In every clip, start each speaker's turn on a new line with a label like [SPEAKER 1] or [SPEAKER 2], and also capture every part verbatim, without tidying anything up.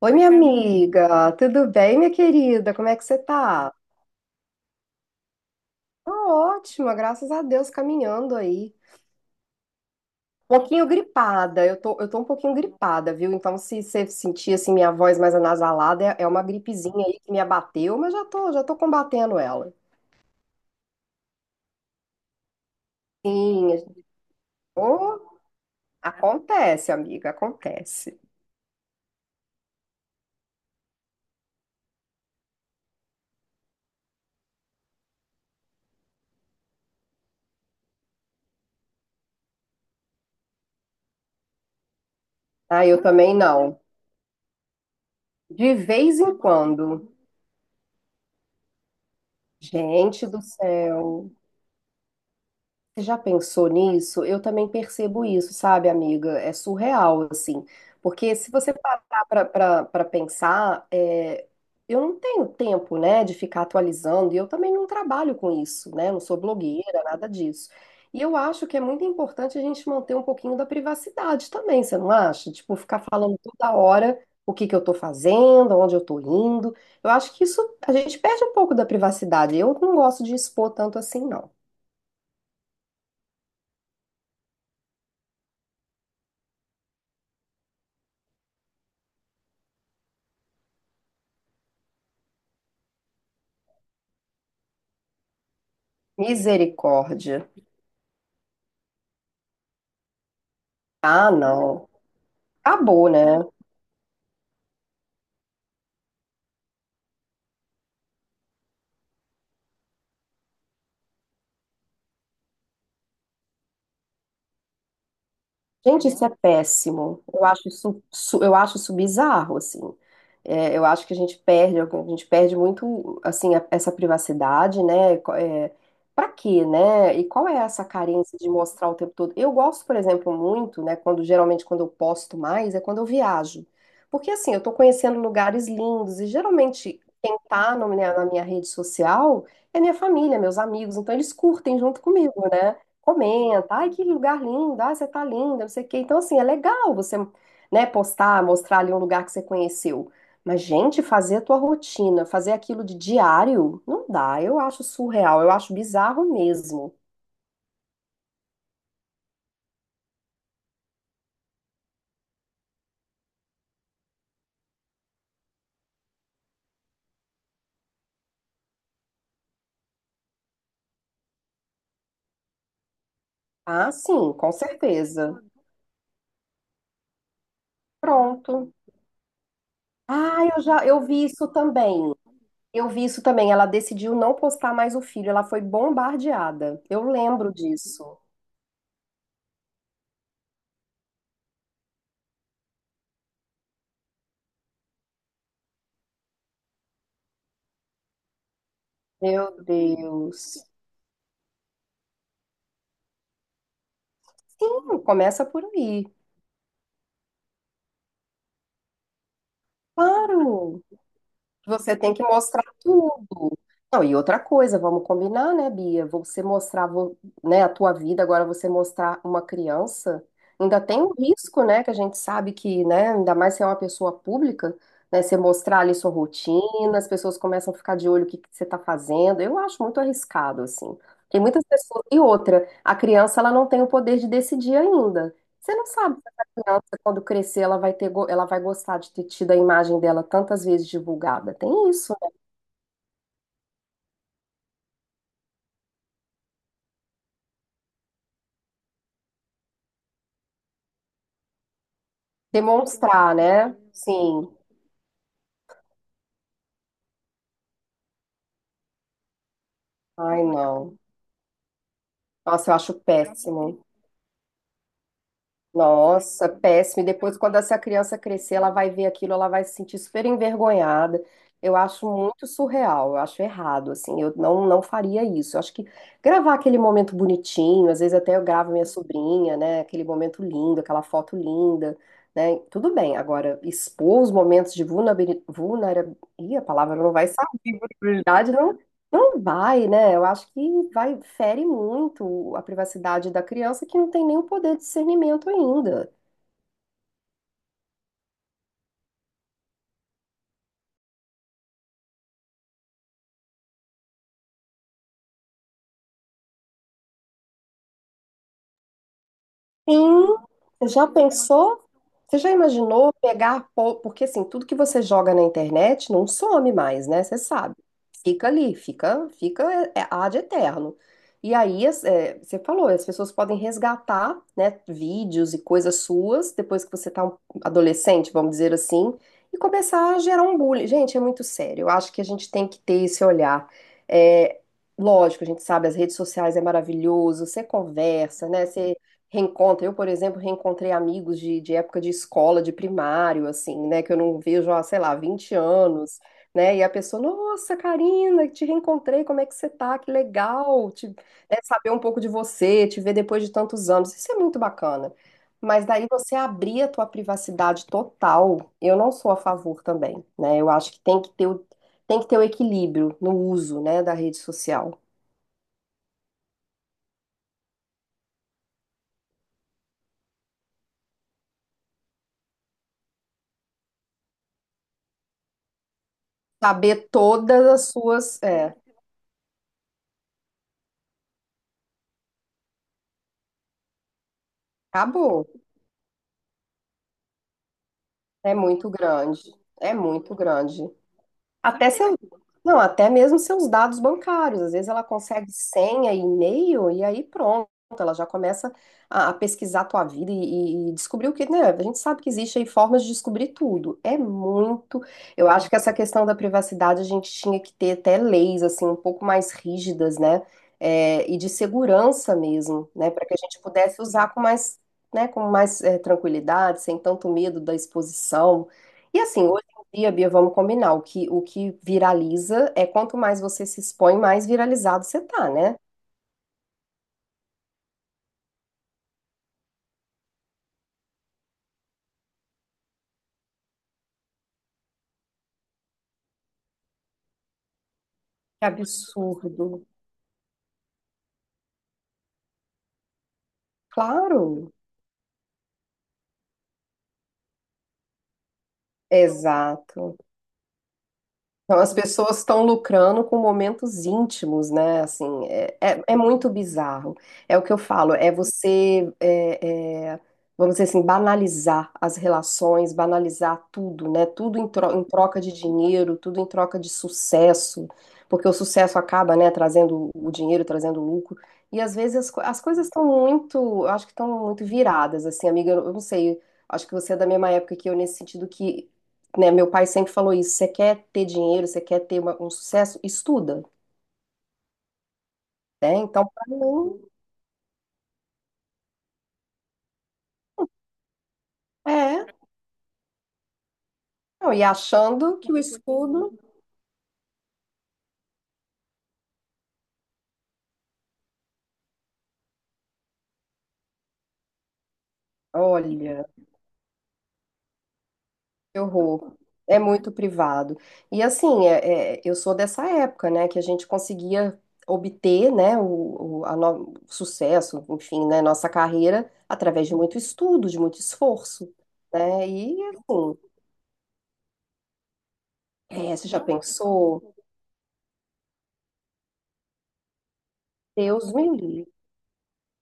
[SPEAKER 1] Oi, minha amiga, tudo bem, minha querida? Como é que você tá? Tô ótima, graças a Deus, caminhando aí. Um pouquinho gripada, eu tô, eu tô um pouquinho gripada, viu? Então, se você sentir assim minha voz mais anasalada, é, é uma gripezinha aí que me abateu, mas já tô, já tô combatendo ela. Sim, ô, acontece, amiga, acontece. Ah, eu também não. De vez em quando. Gente do céu. Você já pensou nisso? Eu também percebo isso, sabe, amiga? É surreal, assim. Porque se você parar para pensar, é, eu não tenho tempo, né, de ficar atualizando, e eu também não trabalho com isso, né? Não sou blogueira, nada disso. E eu acho que é muito importante a gente manter um pouquinho da privacidade também, você não acha? Tipo, ficar falando toda hora o que que eu tô fazendo, onde eu tô indo. Eu acho que isso, a gente perde um pouco da privacidade. Eu não gosto de expor tanto assim, não. Misericórdia. Ah, não. Acabou, né? Gente, isso é péssimo. Eu acho isso, su- eu acho isso bizarro, assim. É, eu acho que a gente perde, a gente perde muito, assim, a- essa privacidade, né? Co- É, para quê, né? E qual é essa carência de mostrar o tempo todo? Eu gosto, por exemplo, muito, né? Quando geralmente quando eu posto mais é quando eu viajo, porque assim eu tô conhecendo lugares lindos e geralmente quem tá no- na minha rede social é minha família, meus amigos, então eles curtem junto comigo, né? Comenta, ai, que lugar lindo, ai, você tá linda, não sei o quê. Então, assim, é legal você, né, postar, mostrar ali um lugar que você conheceu. Mas, gente, fazer a tua rotina, fazer aquilo de diário, não dá. Eu acho surreal, eu acho bizarro mesmo. Ah, sim, com certeza. Pronto. Ah, eu já, eu vi isso também. Eu vi isso também. Ela decidiu não postar mais o filho, ela foi bombardeada. Eu lembro disso. Meu Deus. Sim, começa por aí. Claro. Você tem que mostrar tudo. Não, e outra coisa, vamos combinar, né, Bia? Você mostrar, vo- né, a tua vida, agora você mostrar uma criança, ainda tem um risco, né, que a gente sabe que, né, ainda mais se é uma pessoa pública, né, você mostrar ali sua rotina, as pessoas começam a ficar de olho o que que você tá fazendo. Eu acho muito arriscado, assim. Tem muitas pessoas. E outra, a criança, ela não tem o poder de decidir ainda. Você não sabe se essa criança, quando crescer, ela vai ter, go- ela vai gostar de ter tido a imagem dela tantas vezes divulgada. Tem isso. Demonstrar, né? Sim. Ai, não. Nossa, eu acho péssimo. Nossa, péssimo. E depois, quando essa criança crescer, ela vai ver aquilo, ela vai se sentir super envergonhada. Eu acho muito surreal, eu acho errado, assim, eu não, não faria isso. Eu acho que gravar aquele momento bonitinho, às vezes até eu gravo minha sobrinha, né? Aquele momento lindo, aquela foto linda, né? Tudo bem. Agora, expor os momentos de vulnerabilidade, vulnerabilidade, Ih, a palavra não vai verdade não, não vai, né? Eu acho que vai, fere muito a privacidade da criança que não tem nem o poder de discernimento ainda. Sim, você já pensou? Você já imaginou pegar, po- porque assim, tudo que você joga na internet não some mais, né? Você sabe. Fica ali, fica, fica é, é ad eterno. E aí, as- é, você falou, as pessoas podem resgatar, né, vídeos e coisas suas, depois que você tá um adolescente, vamos dizer assim, e começar a gerar um bullying. Gente, é muito sério. Eu acho que a gente tem que ter esse olhar. É, lógico, a gente sabe, as redes sociais é maravilhoso, você conversa, né? Reencontra. Eu, por exemplo, reencontrei amigos de, de época de escola, de primário, assim, né? Que eu não vejo há, sei lá, vinte anos, né? E a pessoa, nossa, Karina, te reencontrei, como é que você tá? Que legal, te, né, saber um pouco de você, te ver depois de tantos anos. Isso é muito bacana. Mas daí você abrir a tua privacidade total, eu não sou a favor também, né? Eu acho que tem que ter o, tem que ter o equilíbrio no uso, né, da rede social. Saber todas as suas, é, acabou. É muito grande. É muito grande. Até seu, não, até mesmo seus dados bancários. Às vezes ela consegue senha, e-mail, e aí pronto, ela já começa a, a pesquisar a tua vida e, e descobrir o que, né? A gente sabe que existe aí formas de descobrir tudo. É muito. Eu acho que essa questão da privacidade a gente tinha que ter até leis assim um pouco mais rígidas, né? É, e de segurança mesmo, né? Para que a gente pudesse usar com mais, né? Com mais eh, tranquilidade, sem tanto medo da exposição. E assim, Bia, Bia, vamos combinar. O que, o que viraliza é quanto mais você se expõe, mais viralizado você tá, né? Que absurdo. Claro. Exato. Então, as pessoas estão lucrando com momentos íntimos, né? Assim, é, é, é muito bizarro. É o que eu falo, é você, é, é, vamos dizer assim, banalizar as relações, banalizar tudo, né? Tudo em, tro- em troca de dinheiro, tudo em troca de sucesso, porque o sucesso acaba, né, trazendo o dinheiro, trazendo lucro. E às vezes as, co- as coisas estão muito, eu acho que estão muito viradas, assim, amiga, eu eu não sei. Acho que você é da mesma época que eu, nesse sentido que né, meu pai sempre falou isso, você quer ter dinheiro, você quer ter uma- um sucesso, estuda, né? Então, para mim, é, não, e achando que o estudo, olha, que horror, é muito privado. E assim, é- é, eu sou dessa época, né, que a gente conseguia obter, né, o, o- a no- o sucesso, enfim, né, nossa carreira através de muito estudo, de muito esforço, né? E assim, é, você já pensou? Deus me livre.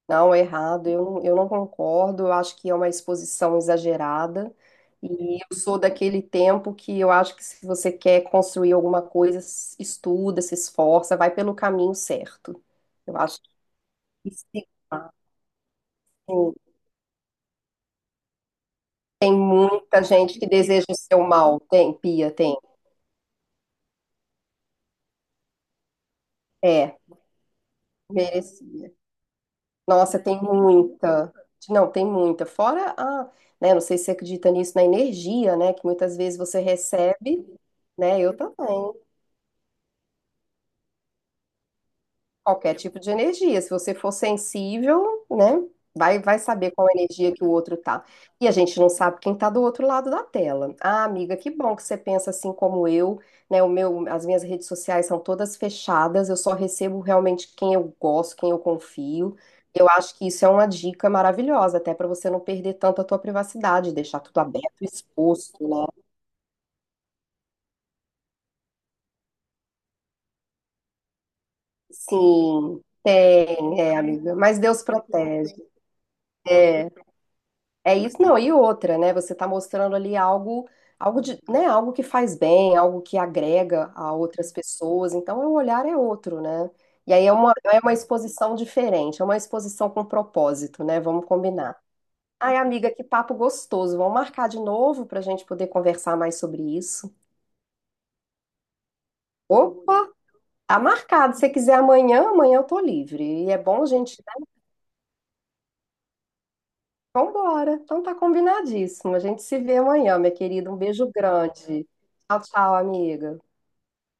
[SPEAKER 1] Não, é errado, eu, não- eu não concordo, eu acho que é uma exposição exagerada. E eu sou daquele tempo que eu acho que se você quer construir alguma coisa, s- estuda, se esforça, vai pelo caminho certo. Eu acho que se- assim, tem muita gente que deseja o seu mal. Tem, Pia, tem. É, merecia. Nossa, tem muita. Não, tem muita. Fora a, né, não sei se você acredita nisso, na energia, né, que muitas vezes você recebe, né, eu também. Qualquer tipo de energia. Se você for sensível, né? Vai, vai saber qual energia que o outro tá. E a gente não sabe quem tá do outro lado da tela. Ah, amiga, que bom que você pensa assim como eu, né? O meu, as minhas redes sociais são todas fechadas, eu só recebo realmente quem eu gosto, quem eu confio. Eu acho que isso é uma dica maravilhosa, até para você não perder tanto a tua privacidade, deixar tudo aberto, exposto, né? Sim, tem, é, amiga. Mas Deus protege. É. É isso, não, e outra, né? Você tá mostrando ali algo, algo de, né, algo que faz bem, algo que agrega a outras pessoas, então o olhar é outro, né? E aí é uma, é uma exposição diferente, é uma exposição com propósito, né? Vamos combinar. Ai, amiga, que papo gostoso. Vamos marcar de novo para a gente poder conversar mais sobre isso. Opa, tá marcado. Se você quiser amanhã, amanhã eu tô livre. E é bom a gente, né? Vambora. Então tá combinadíssimo. A gente se vê amanhã, minha querida. Um beijo grande. Tchau, tchau, amiga.